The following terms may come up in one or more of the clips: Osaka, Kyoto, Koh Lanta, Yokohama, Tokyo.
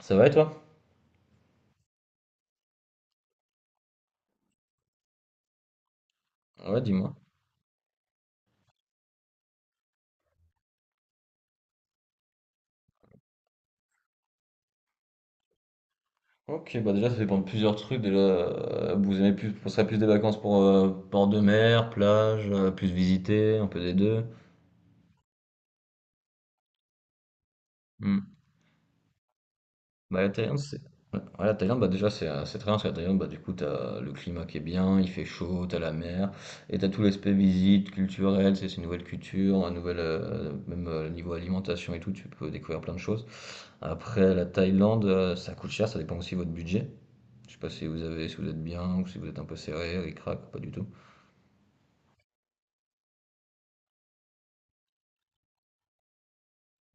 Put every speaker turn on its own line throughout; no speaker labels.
Ça va et toi? Ouais, dis-moi. Ok, bah déjà ça dépend de plusieurs trucs. Déjà, vous aimez plus, ce serait plus des vacances pour port de mer, plage, plus visiter, un peu des deux. Hmm. Bah la Thaïlande, c'est. Ouais, ouais, la Thaïlande, bah déjà c'est très bien parce que la Thaïlande, bah du coup t'as le climat qui est bien, il fait chaud, t'as la mer, et t'as tout l'aspect visite, culturel, c'est une nouvelle culture, un nouvel, même niveau alimentation et tout, tu peux découvrir plein de choses. Après la Thaïlande, ça coûte cher, ça dépend aussi de votre budget. Je sais pas si vous avez si vous êtes bien ou si vous êtes un peu serré, ric-rac ou pas du tout?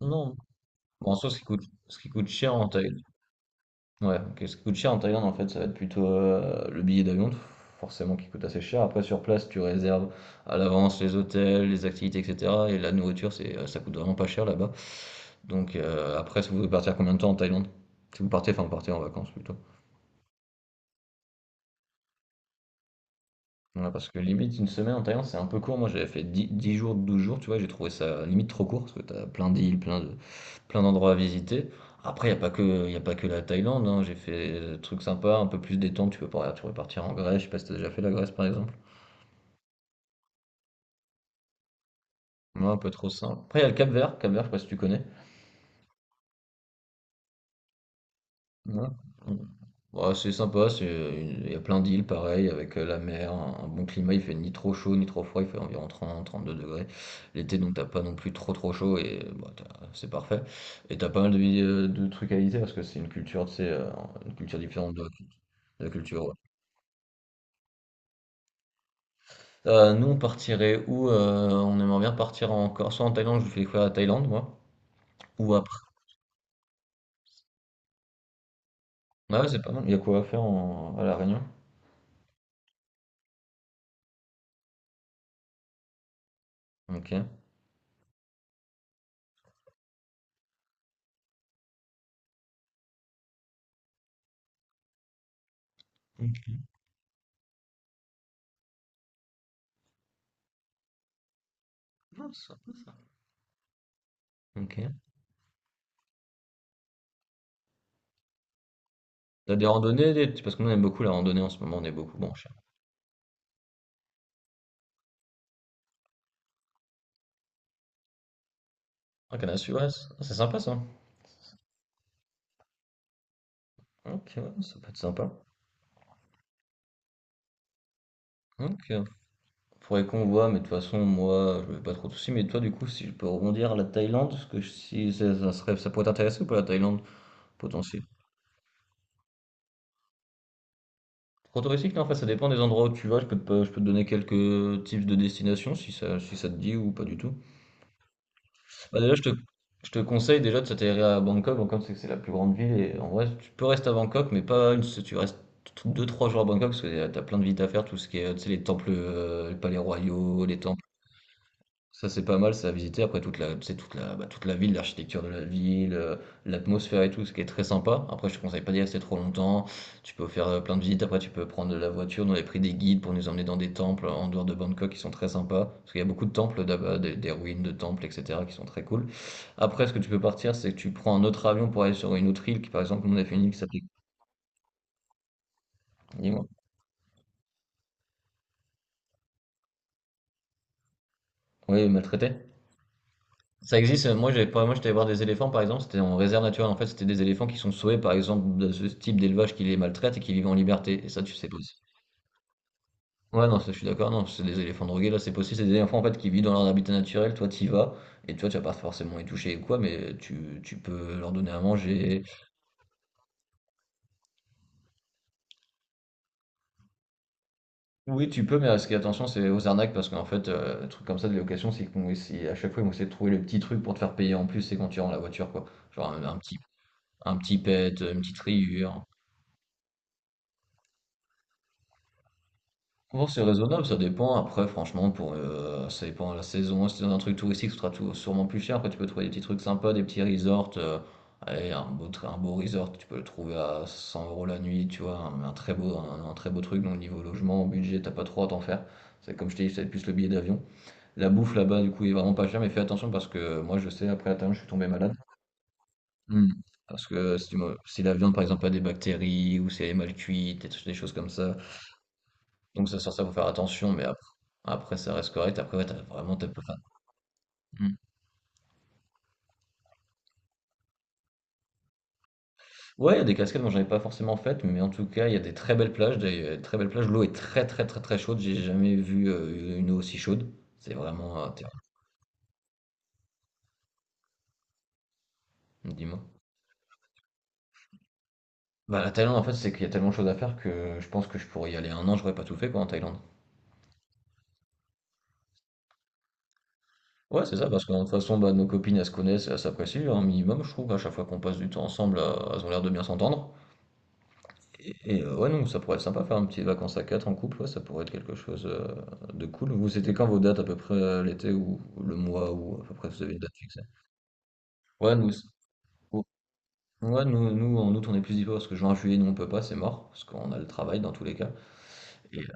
Non. Bon, en soi, ce qui coûte cher en Thaïlande. Ouais, ok, ce qui coûte cher en Thaïlande, en fait, ça va être plutôt, le billet d'avion f forcément qui coûte assez cher. Après sur place, tu réserves à l'avance les hôtels, les activités et cetera et la nourriture, ça coûte vraiment pas cher là-bas. Donc après si vous voulez partir combien de temps en Thaïlande? Si vous partez enfin vous partez en vacances plutôt. Ouais, parce que limite une semaine en Thaïlande, c'est un peu court. Moi, j'avais fait 10 jours, 12 jours, tu vois, j'ai trouvé ça limite trop court parce que t'as plein d'îles, plein d'endroits à visiter. Après, il n'y a pas que, y a pas que la Thaïlande, hein. J'ai fait des trucs sympas, un peu plus détente. Tu peux partir en Grèce, je sais pas si t'as déjà fait la Grèce par exemple. Moi, un peu trop simple. Après, il y a le Cap-Vert, Cap-Vert, je sais pas si tu connais. Ouais. Ouais, c'est sympa, il y a plein d'îles pareil, avec la mer, un bon climat, il fait ni trop chaud ni trop froid, il fait environ 32 degrés. L'été, donc t'as pas non plus trop trop chaud et bah, c'est parfait. Et t'as pas mal de trucs à visiter parce que c'est une culture, tu sais, une culture différente de la culture. De la culture, ouais. Nous, on aimerait bien partir encore, soit en Thaïlande, je vous fais découvrir la Thaïlande, moi, ou après. Ah ouais, c'est pas mal, il y a quoi à faire à La Réunion. Ok. Ok. Non, c'est sympa, ça. Ok. T'as des randonnées, parce que nous on aime beaucoup la randonnée en ce moment, on est beaucoup, bon, je sais pas. Ah, Canal Sud, ouais, c'est sympa ça. Ok, ouais, ça peut être sympa. Ok. Faudrait qu'on voit, mais de toute façon, moi, je vais pas trop de soucis. Mais toi, du coup, si je peux rebondir à la Thaïlande, si ça, ça serait, ça pourrait t'intéresser ou pas la Thaïlande, potentiel. Trop touristique, non, enfin, ça dépend des endroits où tu vas. Je peux te, pas- je peux te donner quelques types de destinations, si ça, si ça te dit ou pas du tout. Bah, déjà, je te conseille déjà de s'atterrir à Bangkok. Bangkok, c'est la plus grande ville. Et en vrai, tu peux rester à Bangkok, mais pas une, tu restes 2 3 jours à Bangkok parce que t'as plein de visites à faire. Tout ce qui est, tu sais, les temples, les palais royaux, les temples. Ça, c'est pas mal, ça, à visiter. Après, toute la ville, l'architecture de la ville, l'atmosphère et tout, ce qui est très sympa. Après, je te conseille pas d'y rester trop longtemps. Tu peux faire plein de visites. Après, tu peux prendre de la voiture. Nous, on avait pris des guides pour nous emmener dans des temples en dehors de Bangkok qui sont très sympas. Parce qu'il y a beaucoup de temples là-bas, des ruines de temples, etc., qui sont très cool. Après, ce que tu peux partir, c'est que tu prends un autre avion pour aller sur une autre île. Nous, on a fait une île qui s'appelait. Dis-moi. Oui, maltraité. Ça existe. Moi, j'avais pas. Moi, j'étais voir des éléphants, par exemple. C'était en réserve naturelle. En fait, c'était des éléphants qui sont sauvés, par exemple, de ce type d'élevage qui les maltraite et qui vivent en liberté. Et ça, tu sais pas. Si Ouais, non, ça, je suis d'accord. Non, c'est des éléphants drogués. Là, c'est possible. C'est des éléphants en fait qui vivent dans leur habitat naturel. Toi, t'y vas et toi, tu vas pas forcément les toucher ou quoi, mais tu peux leur donner à manger. Oui, tu peux, mais ce qui est attention, c'est aux arnaques parce qu'en fait, un truc comme ça de location, à chaque fois, ils vont essayer de trouver le petit truc pour te faire payer en plus. C'est quand tu rends la voiture, quoi. Genre un, un petit, un petit pet, une petite rayure. Bon, c'est raisonnable, ça dépend. Après, franchement, pour ça dépend de la saison. Si t'es dans un truc touristique, sûrement plus cher. Après, tu peux trouver des petits trucs sympas, des petits resorts. Allez, un beau resort, tu peux le trouver à 100 euros la nuit, tu vois. Un très beau truc. Donc, niveau logement, budget, t'as pas trop à t'en faire. C'est comme je t'ai dit, c'est plus le billet d'avion. La bouffe là-bas, du coup, est vraiment pas chère. Mais fais attention parce que moi, je sais, après la Thaïlande, je suis tombé malade. Hmm. Parce que si, si la viande, par exemple, a des bactéries ou si elle est mal cuite, des choses comme ça. Donc ça, faut faire attention, mais après ça reste correct. Après ouais, tu vraiment tu pas. Enfin, mmh. Ouais, il y a des cascades dont j'avais pas forcément faites, mais en tout cas, il y a des très belles plages, des très belles plages. L'eau est très chaude. J'ai jamais vu, une eau aussi chaude. C'est vraiment, terr Dis-moi? Bah, la Thaïlande, en fait, c'est qu'il y a tellement de choses à faire que je pense que je pourrais y aller un an, j'aurais pas tout fait, quoi, en Thaïlande. Ouais, c'est ça, parce que de toute façon, bah, nos copines, elles se connaissent, elles s'apprécient un minimum, je trouve. À chaque fois qu'on passe du temps ensemble, elles ont l'air de bien s'entendre. Ouais, non, ça pourrait être sympa, faire une petite vacances à 4 en couple, ouais, ça pourrait être quelque chose de cool. Vous, c'était quand vos dates à peu près l'été ou le mois ou à peu près vous avez une date fixée? Ouais, nous, c'est- ou- ouais, nous en août on est plus dispo parce que juin, juillet, nous on peut pas, c'est mort parce qu'on a le travail dans tous les cas. Et euh,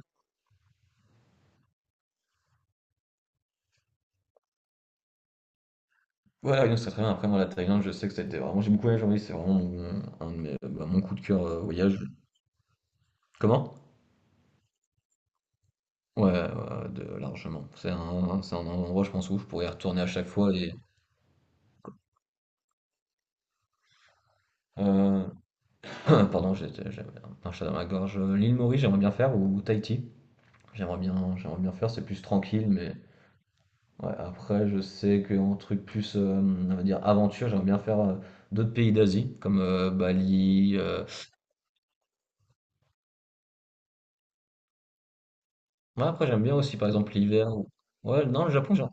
ouais, donc ça très bien. Après, moi, la Thaïlande, je sais que c'était vraiment, j'ai beaucoup voyagé, oui, c'est vraiment mon, un de mes- bah, mon coup de cœur voyage. Comment? Ouais, ouais, de, largement. C'est un endroit, je pense, où je pourrais y retourner à chaque fois et. euh, Pardon, j'ai un chat dans ma gorge. L'île Maurice, j'aimerais bien faire ou Tahiti. J'aimerais bien faire, c'est plus tranquille, mais ouais, après je sais qu'en truc plus, on va dire aventure, j'aimerais bien faire, d'autres pays d'Asie comme, Bali, ouais, après j'aime bien aussi par exemple l'hiver ou ouais, non, le Japon, j'ai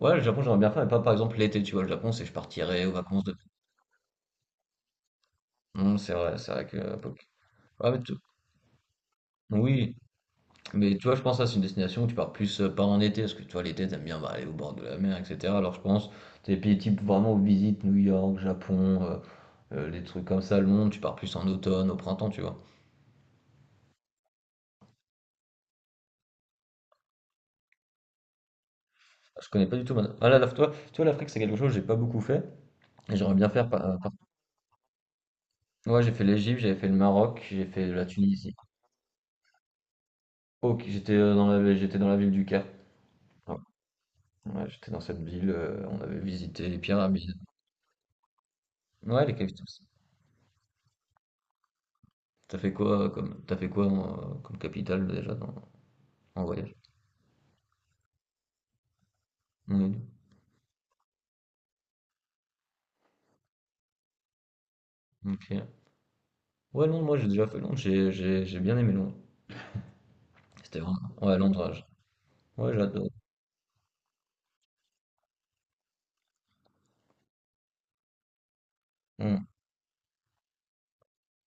ouais, le Japon, j'aimerais bien faire, mais pas par exemple l'été, tu vois? Le Japon, c'est je partirais aux vacances de non c'est vrai, c'est vrai que ouais, mais tu oui. Mais tu vois, je pense que ça, c'est une destination où tu pars plus pas en été, parce que tu vois, l'été, t'aimes bien bah, aller au bord de la mer, etc. Alors je pense, t'es pays type vraiment où visite New York, Japon, les trucs comme ça, Londres, tu pars plus en automne, au printemps, tu vois. Je connais pas du tout. Ma- Ah, là, là, toi, tu vois, l'Afrique, c'est quelque chose que j'ai pas beaucoup fait, et j'aimerais bien faire. Ouais, j'ai fait l'Égypte, j'avais fait le Maroc, j'ai fait la Tunisie. Ok, j'étais dans la ville du Caire. Ouais, ouais, j'étais dans cette ville, on avait visité les pyramides. Ouais, les capitales. T'as fait quoi comme capitale déjà dans... en voyage. Mm, ok. Ouais, Londres, moi j'ai déjà fait Londres, j'ai bien aimé Londres. C'était vraiment. Ouais, j'adore. Mm,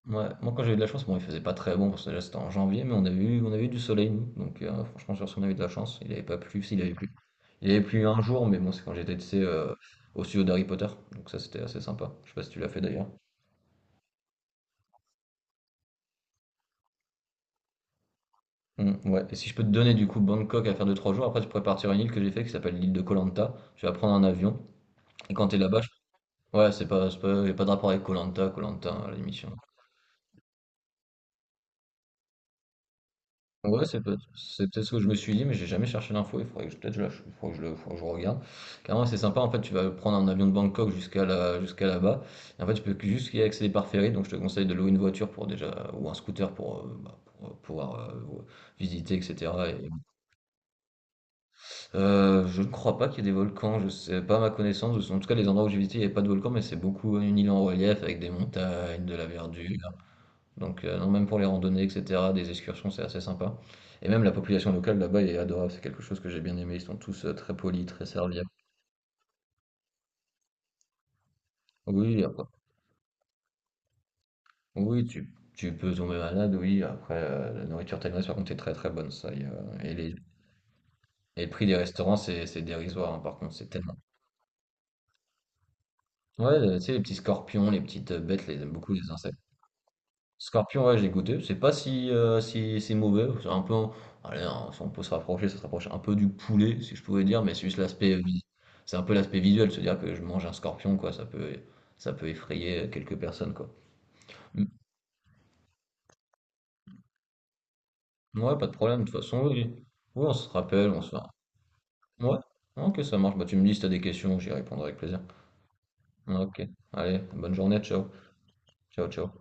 ouais. Moi, quand j'ai eu de la chance, bon, il faisait pas très bon, parce que déjà, c'était en janvier, mais on a eu du soleil, nous. Donc, franchement, sur ce, on a eu de la chance. Il avait pas plu, s'il avait plu. Il avait plu un jour, mais bon, c'est quand j'étais, tu sais, au studio d'Harry Potter. Donc, ça, c'était assez sympa. Je sais pas si tu l'as fait d'ailleurs. Mm, ouais. Et si je peux te donner, du coup, Bangkok à faire 2 3 jours, après, tu pourrais partir à une île que j'ai fait qui s'appelle l'île de Koh Lanta. Tu vas prendre un avion. Et quand tu es là-bas, ouais, c'est pas y a pas de rapport avec koh lanta à l'émission. Ouais, c'est peut-être ce que je me suis dit, mais j'ai jamais cherché l'info, il faudrait que je peut-être je la ch- faudrait que je le faudrait que je regarde. Carrément c'est sympa en fait, tu vas prendre un avion de Bangkok jusqu'à là-bas. Et en fait, juste y accéder par ferry, donc je te conseille de louer une voiture pour déjà ou un scooter pour, pour pouvoir visiter etc. Je ne crois pas qu'il y ait des volcans, je sais pas à ma connaissance, en tout cas les endroits où j'ai visité, il n'y avait pas de volcans, mais c'est beaucoup une île en relief avec des montagnes, de la verdure. Donc, non, même pour les randonnées, etc., des excursions, c'est assez sympa. Et même la population locale là-bas est adorable, c'est quelque chose que j'ai bien aimé. Ils sont tous très polis, très serviables. Oui, oui, après- oui, tu peux tomber malade, oui. Après, la nourriture thaïlandaise, par contre, est très très bonne, ça. Y a- et, les, et le prix des restaurants, c'est dérisoire, hein, par contre, c'est tellement. Ouais, tu sais, les petits scorpions, les petites bêtes, beaucoup les insectes. Scorpion, ouais, j'ai goûté. C'est pas si, si mauvais. C'est un peu. Allez, hein, si on peut se rapprocher, ça se rapproche un peu du poulet, si je pouvais dire, mais c'est juste l'aspect. C'est un peu l'aspect visuel, se dire que je mange un scorpion, quoi. Ça peut effrayer quelques personnes, quoi. Mm. Ouais, pas de problème. De toute façon, oui. Oui, on se rappelle, on se fait. Ouais. Ok, ça marche. Bah, tu me dis si t'as des questions, j'y répondrai avec plaisir. Ok. Allez, bonne journée. Ciao. Ciao, ciao.